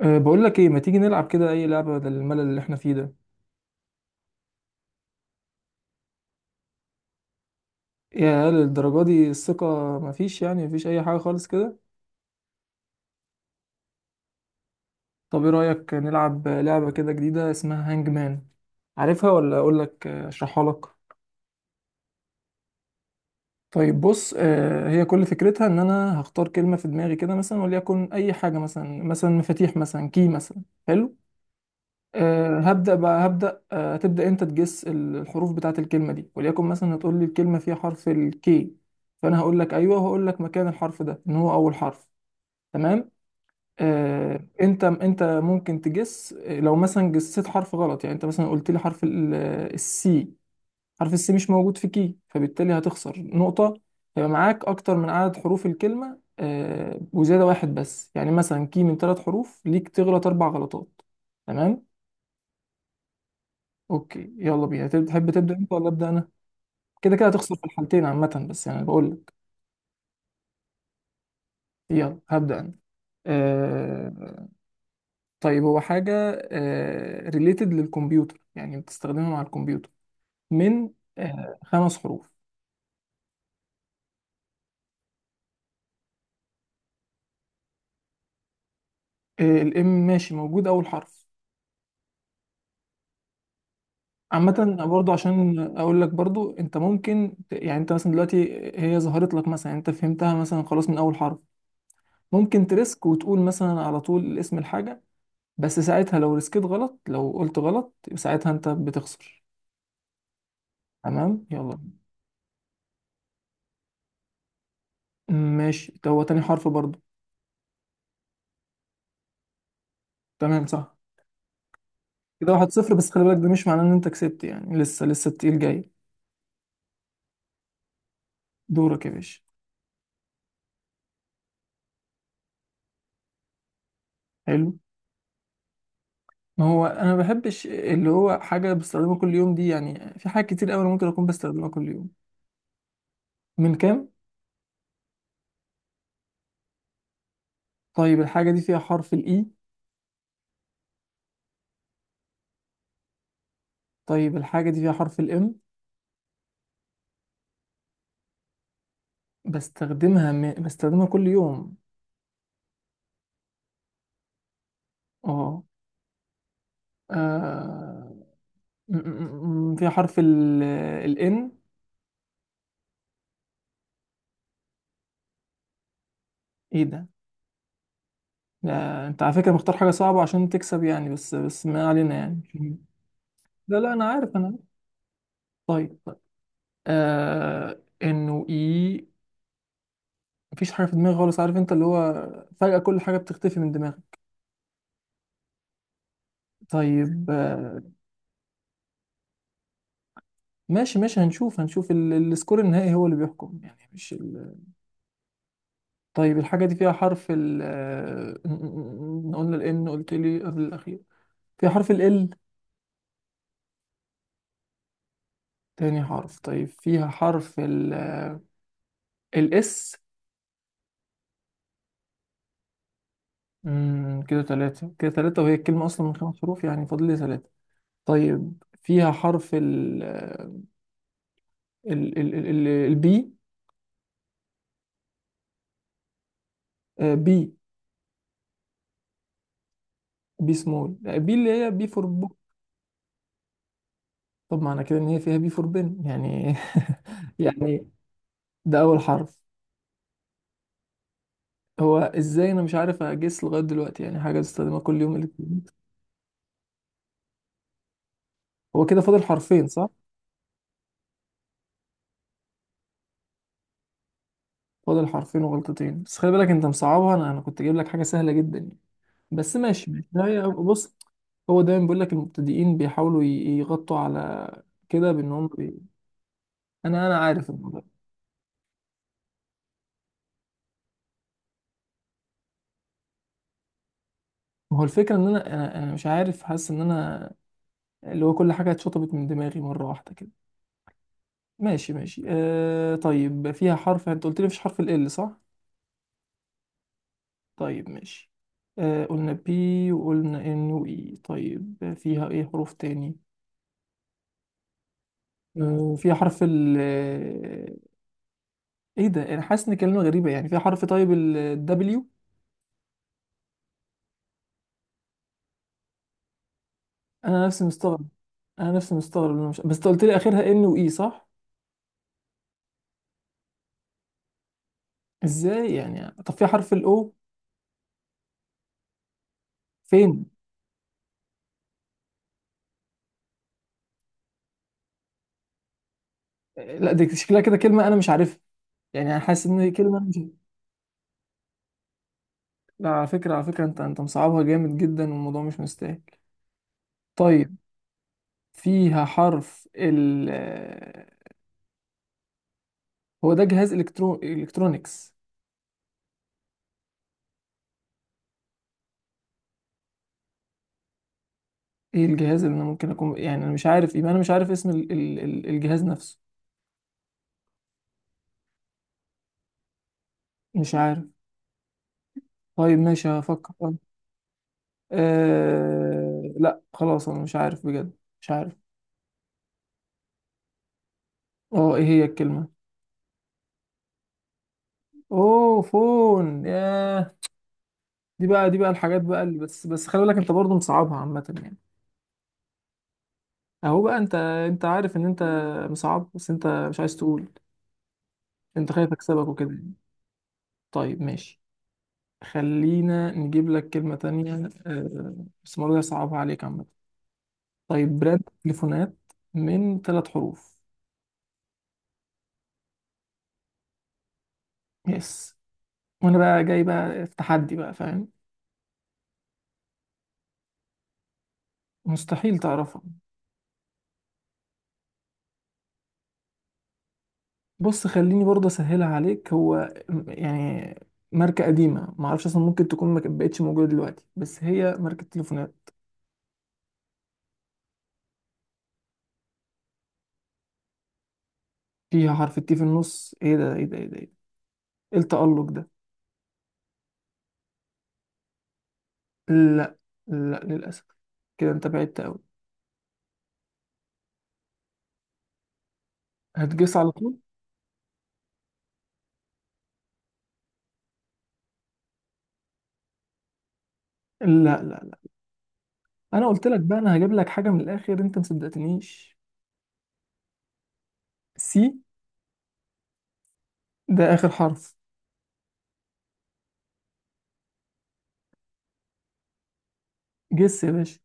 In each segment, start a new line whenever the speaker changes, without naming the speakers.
بقول لك ايه، ما تيجي نلعب كده اي لعبة بدل الملل اللي احنا فيه ده؟ يا للدرجة دي الثقة مفيش، يعني مفيش اي حاجة خالص كده. طب ايه رأيك نلعب لعبة كده جديدة اسمها هانج مان؟ عارفها ولا اقول لك، اشرحها لك؟ طيب بص، هي كل فكرتها ان انا هختار كلمة في دماغي كده، مثلا وليكن اي حاجة، مثلا مثلا مفاتيح، مثلا كي مثلا. حلو. أه هبدأ بقى هبدأ أه هتبدأ أنت تجس الحروف بتاعة الكلمة دي، وليكن مثلا هتقول لي الكلمة فيها حرف الكي. فأنا هقول لك أيوه، وهقول لك مكان الحرف ده إن هو أول حرف. تمام. أه أنت أنت ممكن تجس، لو مثلا جسيت حرف غلط، يعني أنت مثلا قلت لي حرف السي. حرف السي مش موجود في كي، فبالتالي هتخسر نقطة. هيبقى معاك أكتر من عدد حروف الكلمة، وزيادة واحد بس، يعني مثلا كي من ثلاث حروف، ليك تغلط أربع غلطات. تمام. اوكي، يلا بينا. تحب تبدا انت ولا ابدا انا؟ كده كده هتخسر في الحالتين عامه، بس يعني بقول لك. يلا هبدا انا. آه... طيب هو حاجه، ريليتد للكمبيوتر، يعني بتستخدمها مع الكمبيوتر، من خمس حروف. الام، ماشي، موجود اول حرف. عامة برضه عشان اقول لك، برضه انت ممكن يعني انت مثلا دلوقتي هي ظهرت لك مثلا، يعني انت فهمتها مثلا خلاص من اول حرف. ممكن تريسك وتقول مثلا على طول اسم الحاجة، بس ساعتها لو ريسكيت غلط، لو قلت غلط، يبقى ساعتها انت بتخسر. تمام، يلا. ماشي، ده هو تاني حرف برضه. تمام، صح. كده واحد صفر، بس خلي بالك ده مش معناه ان انت كسبت، يعني لسه لسه التقيل جاي. دورك يا باشا. حلو. ما هو انا ما بحبش اللي هو حاجه بستخدمها كل يوم دي، يعني في حاجات كتير قوي انا ممكن اكون بستخدمها كل يوم. من كام؟ طيب الحاجه دي فيها حرف الاي؟ طيب الحاجه دي فيها حرف الام؟ بستخدمها كل يوم. اه. آه، في حرف ال، ال N. ايه ده؟ لا انت على فكرة مختار حاجة صعبة عشان تكسب يعني، بس ما علينا يعني. لا لا، انا عارف، انا عارف. طيب طيب. انه اي، مفيش حاجة في دماغي خالص، عارف انت اللي هو فجأة كل حاجة بتختفي من دماغي. طيب ماشي ماشي، هنشوف السكور النهائي هو اللي بيحكم يعني، مش طيب الحاجة دي فيها حرف ال آه، م- م- م- قلنا ال N، قلت لي قبل الأخير. فيها حرف ال L؟ تاني حرف، طيب فيها حرف الاس؟ كده ثلاثة، كده ثلاثة، وهي الكلمة أصلا من خمس حروف، يعني فاضل لي ثلاثة. طيب فيها حرف ال ال ال ال البي؟ بي بي سمول؟ بي اللي هي بي فور بوك. طب معنى كده إن هي فيها بي فور بن يعني. يعني ده أول حرف. هو إزاي أنا مش عارف أجس لغاية دلوقتي، يعني حاجة بستخدمها كل يوم الاتنين. هو كده فاضل حرفين صح؟ فاضل حرفين وغلطتين، بس خلي بالك أنت مصعبها، أنا كنت جايب لك حاجة سهلة جدا يعني. بس ماشي ماشي، ده بص. هو دايما بيقول لك المبتدئين بيحاولوا يغطوا على كده، بان هم بي... انا عارف الموضوع. ما هو الفكره ان انا انا أنا مش عارف، حاسس ان انا اللي هو كل حاجه اتشطبت من دماغي مره واحده كده. ماشي ماشي، طيب فيها حرف، انت قلت لي مفيش حرف ال L، صح؟ طيب ماشي. قلنا بي، وقلنا ان واي، طيب فيها ايه حروف تاني؟ فيها حرف ال، ايه ده، انا حاسس ان كلمه غريبه يعني، فيها حرف، طيب ال W؟ انا نفسي مستغرب، انا نفسي مستغرب إنه مش... بس انت قلت لي اخرها ان واي، صح؟ ازاي يعني؟ طب في حرف الاو؟ فين؟ لا دي شكلها كده كلمه انا مش عارفها، يعني انا حاسس ان هي كلمه أنا مش... لا، على فكره، على فكره انت مصعبها جامد جدا، والموضوع مش مستاهل. طيب فيها حرف ال آه، هو ده جهاز الكترونيكس. ايه الجهاز اللي انا ممكن اكون يعني انا مش عارف، يبقى انا مش عارف اسم الجهاز نفسه. مش عارف. طيب ماشي، هفكر. لا خلاص، انا مش عارف بجد، مش عارف. اه، ايه هي الكلمة؟ اوه، فون، ياه. دي بقى الحاجات بقى اللي، بس خلي بالك انت برضه مصعبها عامة يعني. اهو بقى، انت عارف ان انت مصعب بس انت مش عايز تقول. انت خايف اكسبك وكده يعني. طيب ماشي. خلينا نجيب لك كلمة تانية، بس المرة دي هصعبها عليك عامة. طيب براند تليفونات من ثلاث حروف. يس. وانا بقى جاي بقى في تحدي بقى فاهم، مستحيل تعرفها. بص، خليني برضه اسهلها عليك. هو يعني ماركة قديمة، معرفش اصلا ممكن تكون ما بقتش موجودة دلوقتي، بس هي ماركة تليفونات. فيها حرف التي في النص؟ ايه ده، ايه ده، ايه ده، ايه ده، إيه التألق ده؟ لا، لا للأسف، كده انت بعدت قوي. هتجس على طول؟ لا لا لا، انا قلت لك بقى انا هجيب لك حاجة من الآخر، انت مصدقتنيش. سي، ده آخر حرف. جس يا باشا.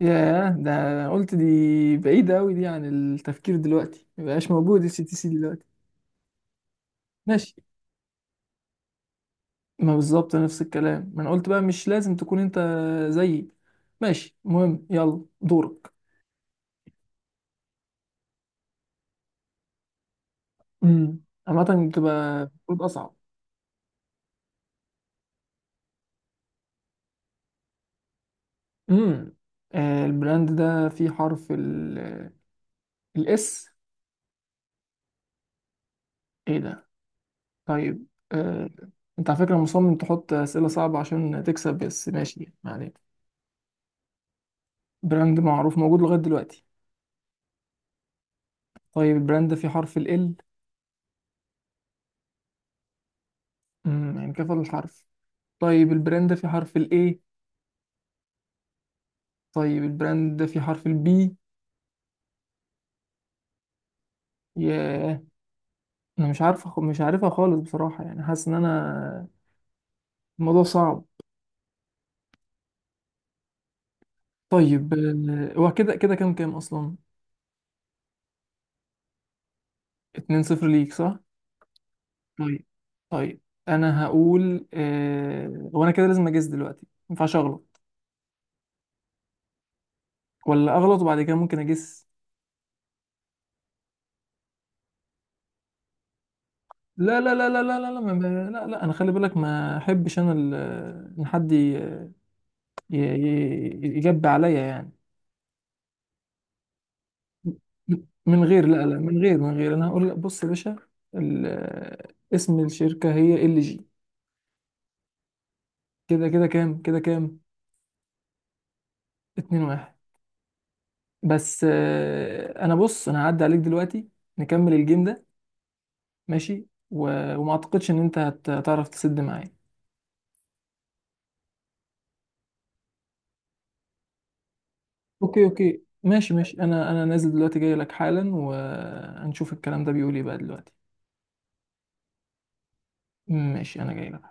ياه، ده أنا قلت دي، بعيدة قوي دي عن التفكير دلوقتي، مبقاش موجود السي تي سي دلوقتي. ماشي. ما بالظبط نفس الكلام، ما انا قلت بقى مش لازم تكون انت زيي. ماشي، المهم يلا دورك. امم عامة بتبقى المفروض اصعب. امم البراند ده فيه حرف الاس؟ ايه ده؟ طيب انت على فكرة مصمم تحط اسئلة صعبة عشان تكسب، بس ماشي يعني. براند معروف موجود لغاية دلوقتي. طيب البراند ده فيه حرف ال، يعني كفى الحرف. طيب البراند ده فيه حرف الاي؟ طيب البراند ده فيه حرف البي؟ ياه، انا مش عارفه، مش عارفها خالص بصراحه، يعني حاسس ان انا الموضوع صعب. طيب، هو كده كده كام، كام اصلا؟ 2 0 ليك صح؟ طيب طيب، انا هقول، وانا كده لازم اجس دلوقتي، ما ينفعش اغلط، ولا اغلط وبعد كده ممكن اجس. لا لا لا لا لا لا لا، لا، لا انا، خلي بالك ما احبش انا ان حد يجب عليا يعني. من غير، لا لا، من غير انا هقول لك. بص يا باشا، اسم الشركه هي ال جي. كده كام؟ اتنين واحد. بس، انا بص، انا هعدي عليك دلوقتي، نكمل الجيم ده. ماشي. و... وما اعتقدش ان انت هتعرف تسد معايا. اوكي اوكي ماشي ماشي، انا نازل دلوقتي، جاي لك حالا، وهنشوف الكلام ده بيقول ايه بقى دلوقتي. ماشي، انا جاي لك.